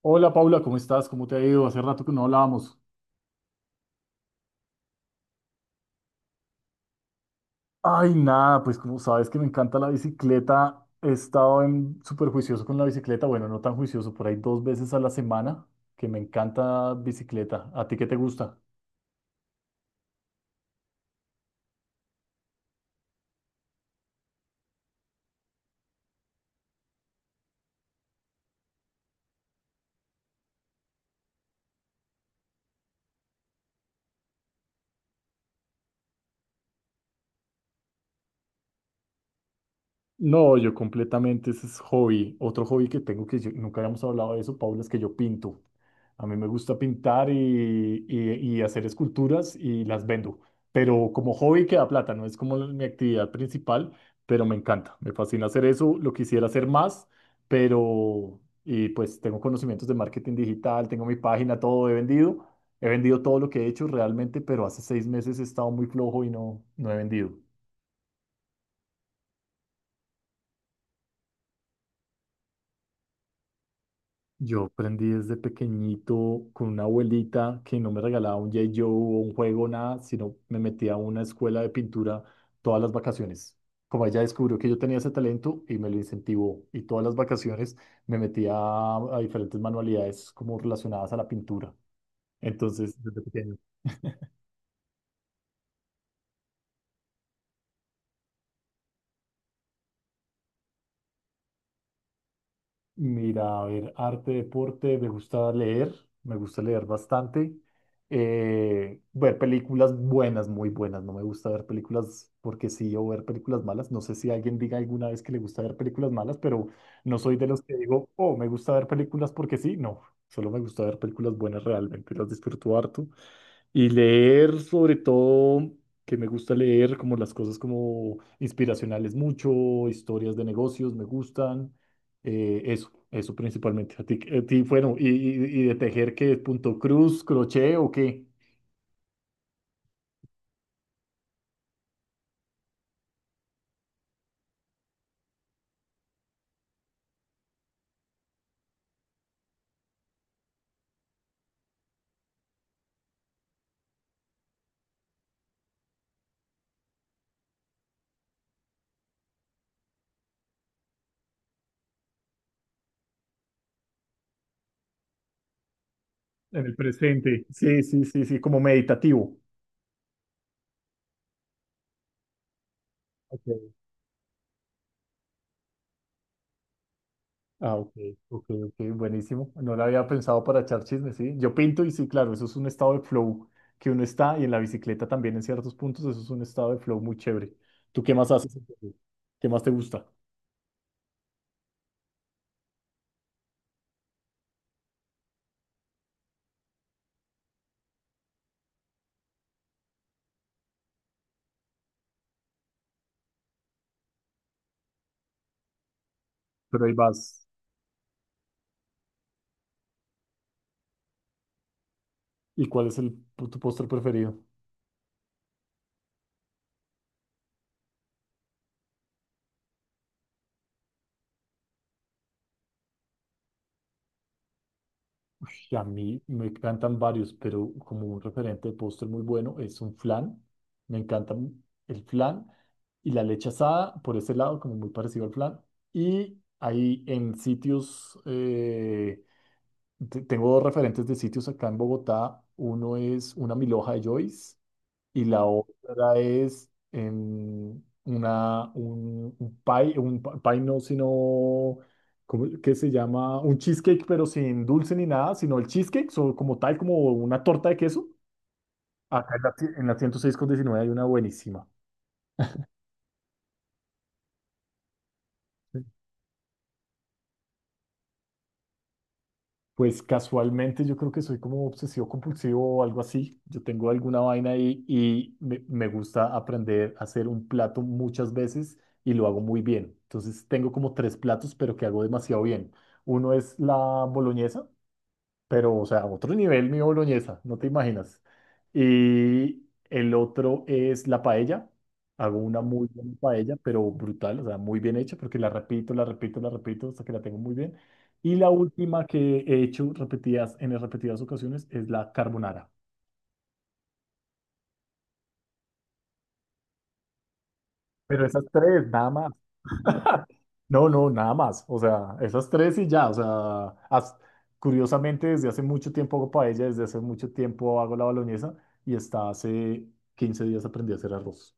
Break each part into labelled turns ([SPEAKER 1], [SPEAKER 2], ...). [SPEAKER 1] Hola Paula, ¿cómo estás? ¿Cómo te ha ido? Hace rato que no hablábamos. Ay, nada, pues como sabes que me encanta la bicicleta, he estado súper juicioso con la bicicleta, bueno, no tan juicioso, por ahí dos veces a la semana, que me encanta bicicleta. ¿A ti qué te gusta? No, yo completamente, ese es hobby. Otro hobby que tengo nunca habíamos hablado de eso, Paula, es que yo pinto. A mí me gusta pintar y y hacer esculturas y las vendo. Pero como hobby queda plata, no es como mi actividad principal, pero me encanta. Me fascina hacer eso, lo quisiera hacer más, pero y pues tengo conocimientos de marketing digital, tengo mi página, todo he vendido. He vendido todo lo que he hecho realmente, pero hace 6 meses he estado muy flojo y no he vendido. Yo aprendí desde pequeñito con una abuelita que no me regalaba un G.I. Joe o un juego, nada, sino me metía a una escuela de pintura todas las vacaciones. Como ella descubrió que yo tenía ese talento y me lo incentivó, y todas las vacaciones me metía a diferentes manualidades como relacionadas a la pintura. Entonces, desde pequeño. Mira, a ver, arte, deporte, me gusta leer bastante. Ver películas buenas, muy buenas. No me gusta ver películas porque sí o ver películas malas. No sé si alguien diga alguna vez que le gusta ver películas malas, pero no soy de los que digo, oh, me gusta ver películas porque sí. No, solo me gusta ver películas buenas realmente, las disfruto harto. Y leer sobre todo, que me gusta leer como las cosas como inspiracionales mucho, historias de negocios me gustan, eso principalmente. Bueno, y y de tejer, ¿qué? ¿Punto cruz, crochet o qué? En el presente. Sí, sí, sí, sí, como meditativo. Ok. Ah, ok, ok, ok, buenísimo. No lo había pensado para echar chisme, sí. Yo pinto y sí, claro, eso es un estado de flow que uno está y en la bicicleta también en ciertos puntos, eso es un estado de flow muy chévere. ¿Tú qué más haces? ¿Qué más te gusta? Pero ahí vas. ¿Y cuál es tu postre preferido? Que a mí me encantan varios, pero como un referente de postre muy bueno es un flan. Me encanta el flan y la leche asada, por ese lado, como muy parecido al flan. Y ahí en sitios, tengo dos referentes de sitios acá en Bogotá. Uno es una milhoja de Joyce y la otra es un pie, un pa- pie no, sino, ¿cómo- ¿qué se llama? Un cheesecake, pero sin dulce ni nada, sino el cheesecake, como tal, como una torta de queso. Acá en en la 106 con 19 hay una buenísima. Pues casualmente yo creo que soy como obsesivo compulsivo o algo así. Yo tengo alguna vaina ahí y me gusta aprender a hacer un plato muchas veces y lo hago muy bien. Entonces tengo como tres platos, pero que hago demasiado bien. Uno es la boloñesa, pero, o sea, a otro nivel, mi boloñesa, no te imaginas. Y el otro es la paella. Hago una muy buena paella, pero brutal, o sea, muy bien hecha, porque la repito, la repito, la repito hasta que la tengo muy bien. Y la última que he hecho repetidas, en repetidas ocasiones es la carbonara. Pero esas tres, nada más. No, no, nada más. O sea, esas tres y ya. O sea, curiosamente desde hace mucho tiempo hago paella, desde hace mucho tiempo hago la boloñesa y hasta hace 15 días aprendí a hacer arroz.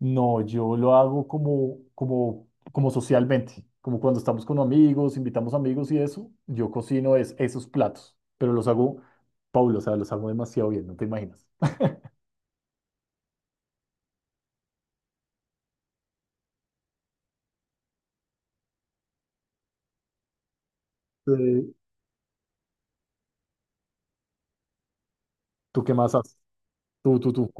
[SPEAKER 1] No, yo lo hago como socialmente, como cuando estamos con amigos, invitamos amigos y eso, yo cocino es, esos platos, pero los hago, Paulo, o sea, los hago demasiado bien, no te imaginas. Eh, ¿Tú qué más haces? Tú, tú, tú.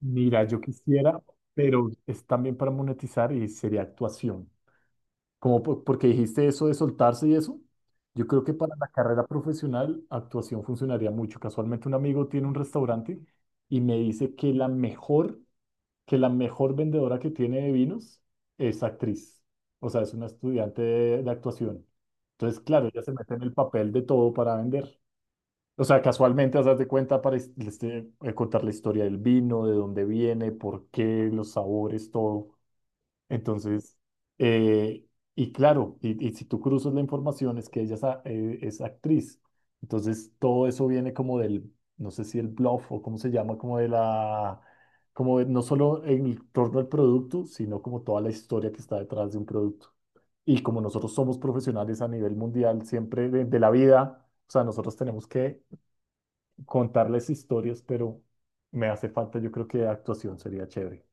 [SPEAKER 1] Mira, yo quisiera, pero es también para monetizar y sería actuación. Como porque dijiste eso de soltarse y eso, yo creo que para la carrera profesional actuación funcionaría mucho. Casualmente un amigo tiene un restaurante y me dice que la mejor vendedora que tiene de vinos es actriz. O sea, es una estudiante de actuación. Entonces, claro, ella se mete en el papel de todo para vender. O sea, casualmente, haz de cuenta para contar la historia del vino, de dónde viene, por qué, los sabores, todo. Entonces, eh, y claro, y si tú cruzas la información es que ella es, es actriz. Entonces, todo eso viene como del, no sé si el bluff o cómo se llama, como de la, como de- no solo en torno al producto, sino como toda la historia que está detrás de un producto. Y como nosotros somos profesionales a nivel mundial, siempre de la vida. O sea, nosotros tenemos que contarles historias, pero me hace falta, yo creo que actuación sería chévere.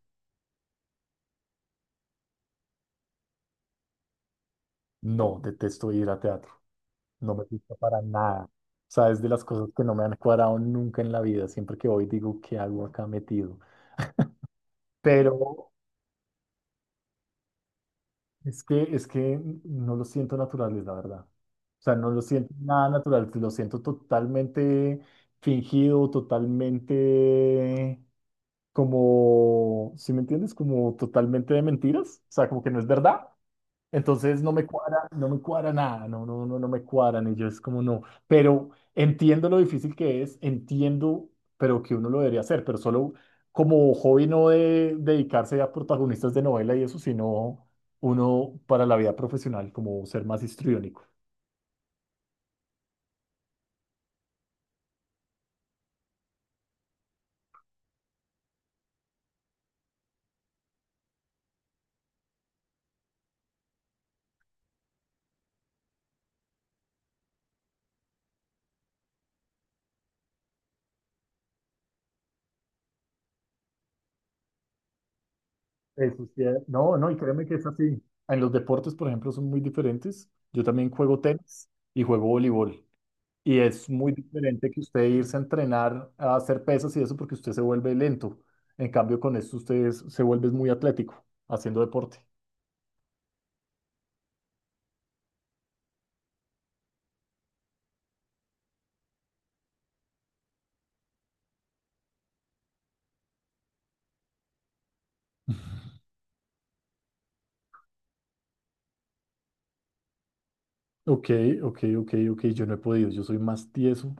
[SPEAKER 1] No, detesto ir a teatro, no me gusta para nada. O sea, es de las cosas que no me han cuadrado nunca en la vida. Siempre que voy digo, ¿qué hago acá metido? Pero es que no lo siento naturales, la verdad. O sea, no lo siento nada natural, lo siento totalmente fingido, totalmente como, ¿si me entiendes? Como totalmente de mentiras. O sea, como que no es verdad. Entonces no me cuadra, no me cuadra nada, no, no, no, no me cuadran y yo es como no, pero entiendo lo difícil que es, entiendo, pero que uno lo debería hacer, pero solo como hobby no de dedicarse a protagonistas de novela y eso, sino uno para la vida profesional, como ser más histriónico. Eso sí, no, y créeme que es así. En los deportes, por ejemplo, son muy diferentes. Yo también juego tenis y juego voleibol. Y es muy diferente que usted irse a entrenar a hacer pesas y eso porque usted se vuelve lento. En cambio, con esto se vuelve muy atlético haciendo deporte. Ok, ok, ok, ok. Yo no he podido. Yo soy más tieso.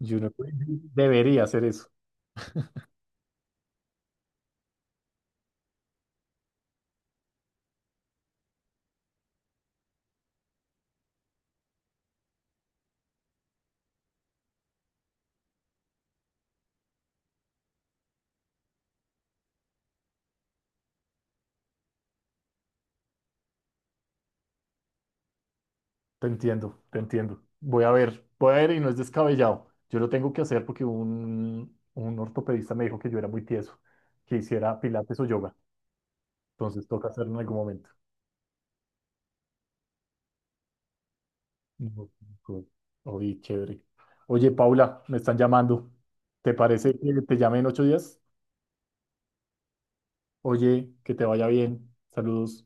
[SPEAKER 1] Yo no he podido. Debería hacer eso. Te entiendo, te entiendo. Voy a ver y no es descabellado. Yo lo tengo que hacer porque un ortopedista me dijo que yo era muy tieso, que hiciera pilates o yoga. Entonces toca hacerlo en algún momento. No, co- oye, chévere. Oye, Paula, me están llamando. ¿Te parece que te llame en 8 días? Oye, que te vaya bien. Saludos.